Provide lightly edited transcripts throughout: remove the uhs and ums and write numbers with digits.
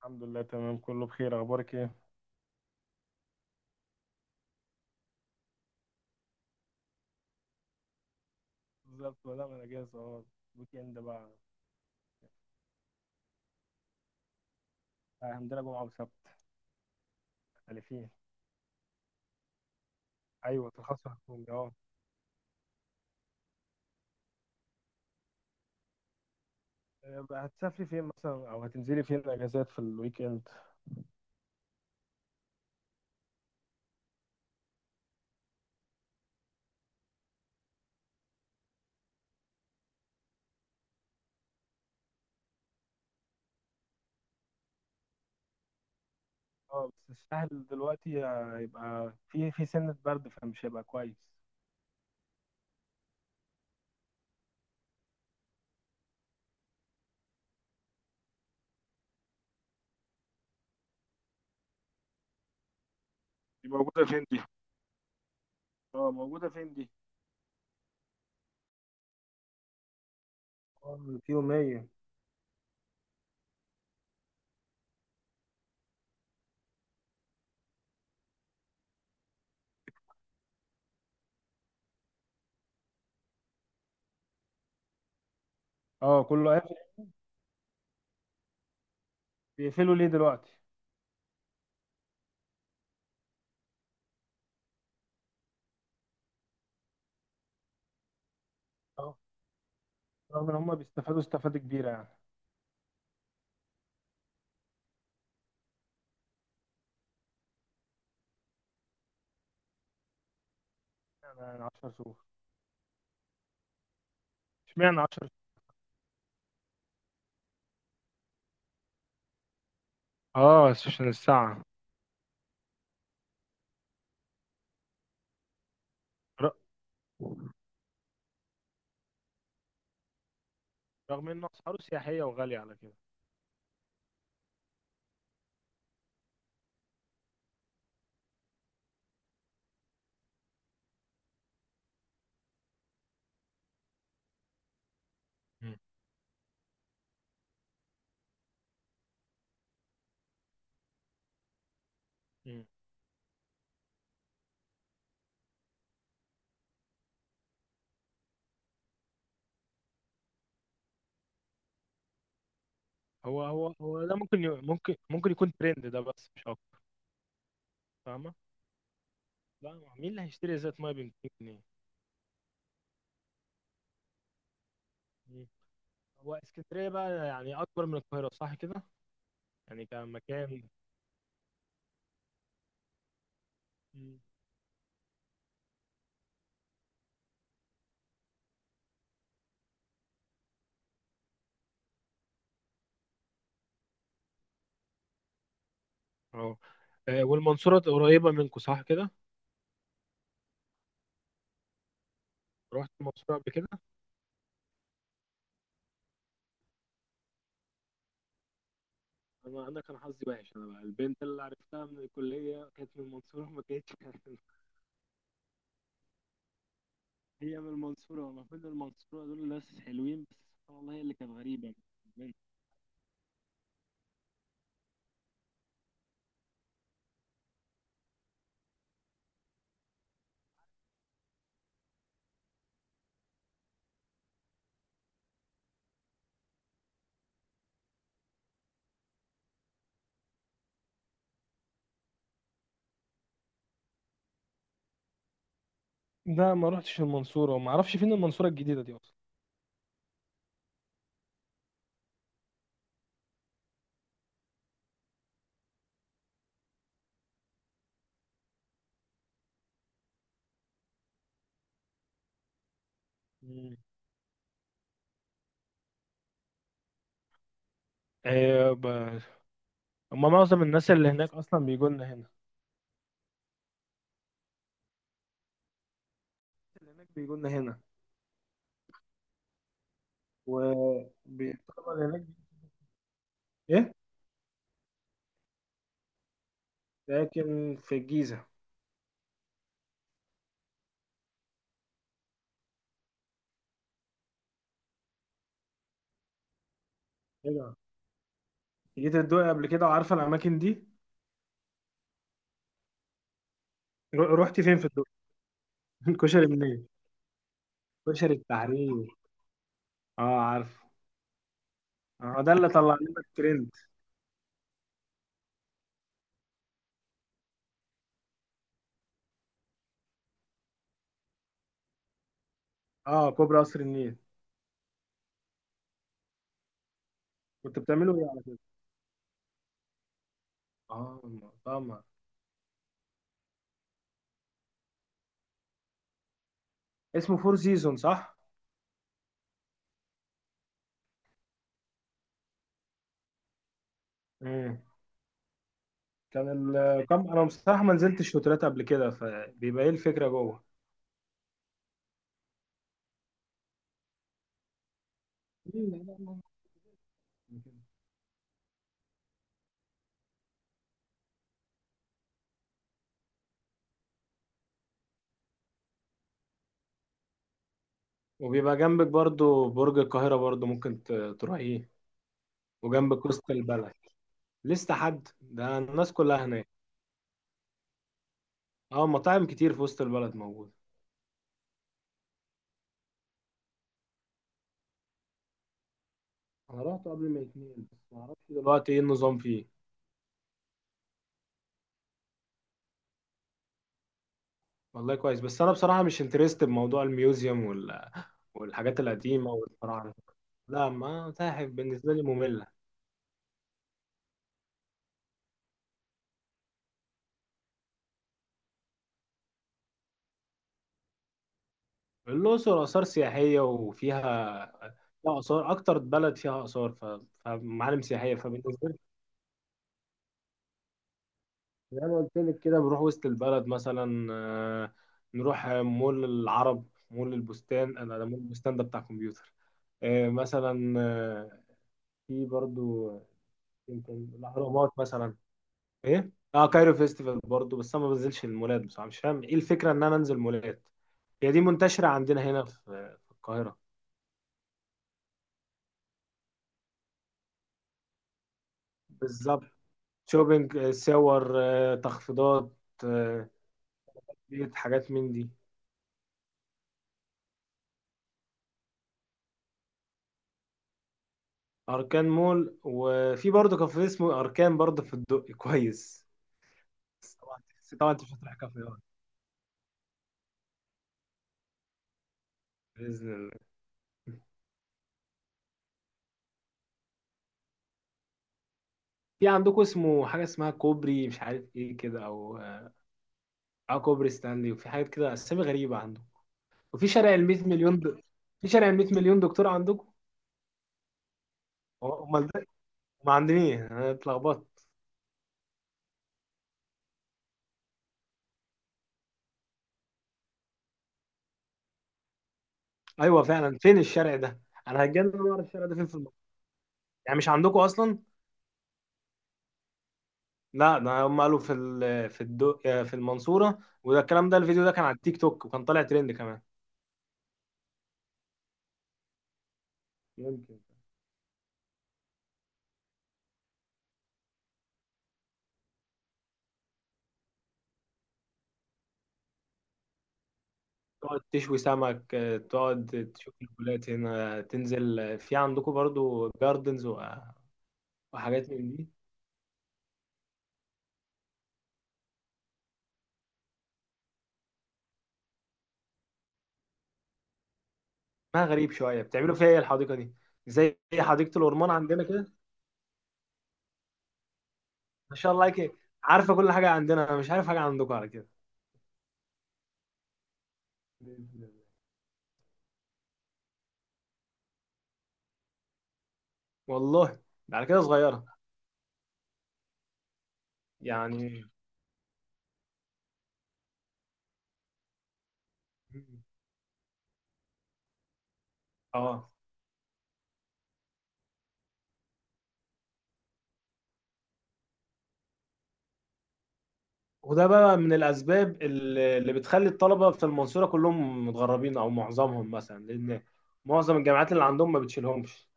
الحمد لله، تمام، كله بخير. اخبارك ايه؟ بالظبط، ولا انا جاهز اهو. ويك اند بقى. عندنا جمعه وسبت. مختلفين. ايوه، ترخص حكومي، اه. إيه بقى، هتسافري فين مثلا او هتنزلي فين الاجازات في الويك اند؟ اه، بس الساحل دلوقتي هيبقى في سنه برد فمش هيبقى كويس. دي موجوده فين دي؟ اه، موجوده فين دي؟ اه، في يوميه. اه، كله قافل. بيقفلوا ليه دلوقتي؟ اه، رغم ان هم بيستفادوا استفاده كبيره يعني. يعني 10 شهور. اشمعنى 10؟ اه، عشان الساعة. رغم ان اسعاره سياحيه وغاليه على كده. مم. مم. هو ده ممكن ممكن يكون ترند ده، بس مش اكتر. فاهمه. لا، مين اللي هيشتري ازازه ميه ب 200 جنيه؟ مم. هو اسكندريه بقى يعني اكبر من القاهره صح كده؟ يعني كمكان. مم. اه، آه، والمنصوره قريبه منكم صح كده؟ رحت المنصوره قبل كده؟ انا كان حظي وحش. انا بقى البنت اللي عرفتها من الكليه كانت من المنصوره، ما كانتش هي من المنصوره. المفروض المنصوره دول ناس حلوين، بس سبحان الله هي اللي كانت غريبه. ده ما رحتش المنصورة، وما اعرفش فين المنصورة الجديدة دي اصلا. مم. إيه؟ هما معظم الناس اللي هناك اصلا بيجوا لنا هنا. اللي هناك بيجوا لنا هنا. والطلبة اللي هناك. ايه؟ لكن في الجيزة. ايوه، جيت الدقي قبل كده وعارفة الاماكن دي؟ رحت فين في الدقي؟ كشري منين؟ كشري التحرير. اه، عارف. اه، ده اللي طلع لنا الترند. اه، كوبري قصر النيل. كنت بتعملوا ايه على كده؟ اه، المطعم. اسمه فور سيزون صح؟ امم. كان الكام، انا بصراحه ما نزلتش شوترات قبل كده، فبيبقى ايه الفكره جوه؟ وبيبقى جنبك برضو برج القاهره، برضو ممكن تروحيه. وجنبك وسط البلد. لسه حد؟ ده الناس كلها هناك. اه، مطاعم كتير في وسط البلد موجوده. انا رحت قبل ما اتنين، بس ما اعرفش دلوقتي ايه النظام فيه. والله كويس، بس انا بصراحه مش انترست بموضوع الميوزيوم والحاجات القديمه والفراعنه. لا، ما متاحف بالنسبه لي ممله. الأقصر آثار سياحية وفيها فيها آثار، أكتر بلد فيها آثار، فمعالم سياحية، فبالنسبة لي. زي ما قلت لك كده بنروح وسط البلد مثلا، نروح مول العرب. مول البستان، أنا ده مول البستان ده بتاع كمبيوتر. مثلا في برضو. يمكن الأهرامات مثلا. إيه؟ اه، كايرو فيستيفال برضو، بس انا ما بنزلش المولات بصراحه، مش فاهم ايه الفكره ان انا انزل مولات. هي دي منتشره عندنا هنا في في القاهره. بالظبط. شوبينج، ساور، تخفيضات، آه، ديت حاجات من دي. أركان مول، وفي برضه كافيه اسمه أركان برضه في الدق، كويس. بس طبعا، طبعا انت مش هتروح كافيهات. بإذن الله. في عندكم اسمه حاجة اسمها كوبري مش عارف ايه كده، او... اه، كوبري ستانلي، وفي حاجات كده اسامي غريبة عندكم. وفي شارع ال 100 مليون في شارع ال 100 مليون دكتور عندكم. امال ده ما عندنيش، انا اتلخبطت. ايوه فعلا، فين الشارع ده؟ انا هتجنن واعرف الشارع ده فين في المنطقة. يعني مش عندكم اصلا؟ لا، ده هم قالوا في المنصورة، وده الكلام ده الفيديو ده كان على التيك توك وكان طالع ترند كمان. يمكن. تقعد تشوي سمك، تقعد تشوف البلاد. هنا تنزل، في عندكم برضو جاردنز وحاجات من دي. ما غريب شوية، بتعملوا فيها ايه الحديقة دي؟ زي حديقة الأورمان عندنا كده. ما شاء الله عليك. عارفة كل حاجة عندنا، أنا مش عارف حاجة عندكم على كده. بإذن الله. والله ده على كده صغيرة. يعني اه. وده بقى من الأسباب اللي بتخلي الطلبة في المنصورة كلهم متغربين، أو معظمهم مثلا، لأن معظم الجامعات اللي عندهم ما بتشيلهمش،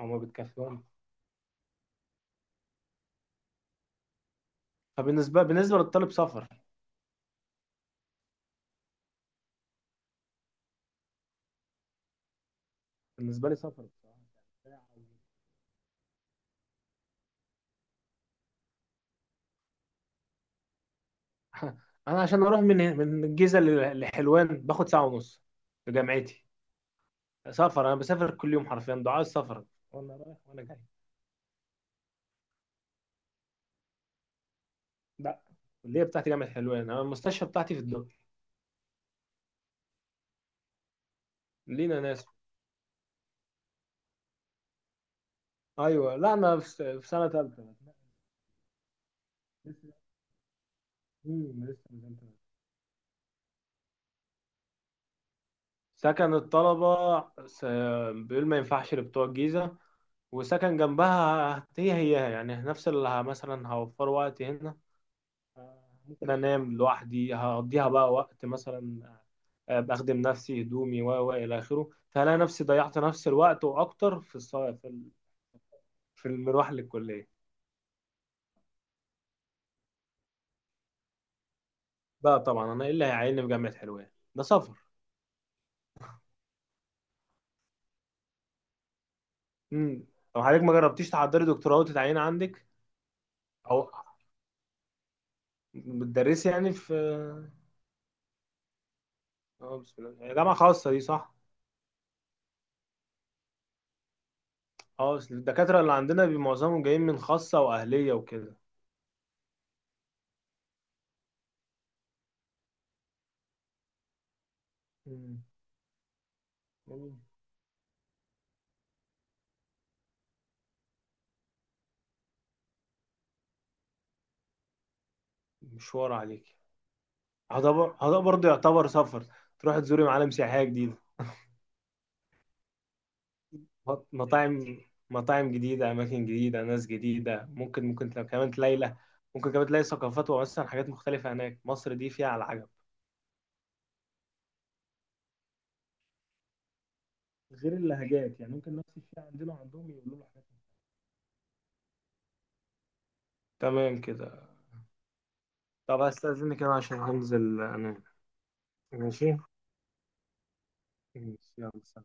أو ما بتكفيهمش. فبالنسبة للطالب سفر. بالنسبة لي سفر بصراحة. أنا عشان أروح من الجيزة لحلوان باخد ساعة ونص لجامعتي. سفر، أنا بسافر كل يوم حرفيا دعاء السفر، وأنا رايح وأنا جاي. لا، الكلية بتاعتي جامعة حلوان، أنا المستشفى بتاعتي في الدقي. لينا ناس. أيوه، لا أنا في سنة تالتة. لسه ما نزلت. سكن الطلبة، س- بيقول ما ينفعش لبتوع الجيزة. وسكن جنبها هي هي يعني نفس اللي مثلا هوفر وقت هنا. ممكن انام لوحدي هقضيها بقى وقت مثلا. بخدم نفسي هدومي و الى اخره، فهلاقي نفسي ضيعت نفس الوقت واكتر في المروح للكلية. بقى طبعا انا ايه اللي هيعيني في جامعة حلوان، ده سفر. امم. طب، حضرتك ما جربتيش تحضري دكتوراه وتتعيني عندك؟ او، بتدرسي يعني في... اه، بسم الله، هي جامعة خاصة دي صح؟ اه، أصل الدكاترة اللي عندنا معظمهم جايين من خاصة وأهلية وكده. مم. يعني مشوار عليك. هذا برضه يعتبر سفر. تروح تزوري معالم سياحية جديدة. مطاعم. مطاعم جديدة، أماكن جديدة، ناس جديدة، ممكن تلاقي كمان ممكن كمان تلاقي ثقافات وأصلا حاجات مختلفة هناك. مصر دي فيها على العجب. غير اللهجات، يعني ممكن نفس الشيء عندنا وعندهم يقولوا له حاجات. تمام كده. طب، هستأذنك أنا عشان هنزل أنام. ماشي، ماشي، يلا، سلام.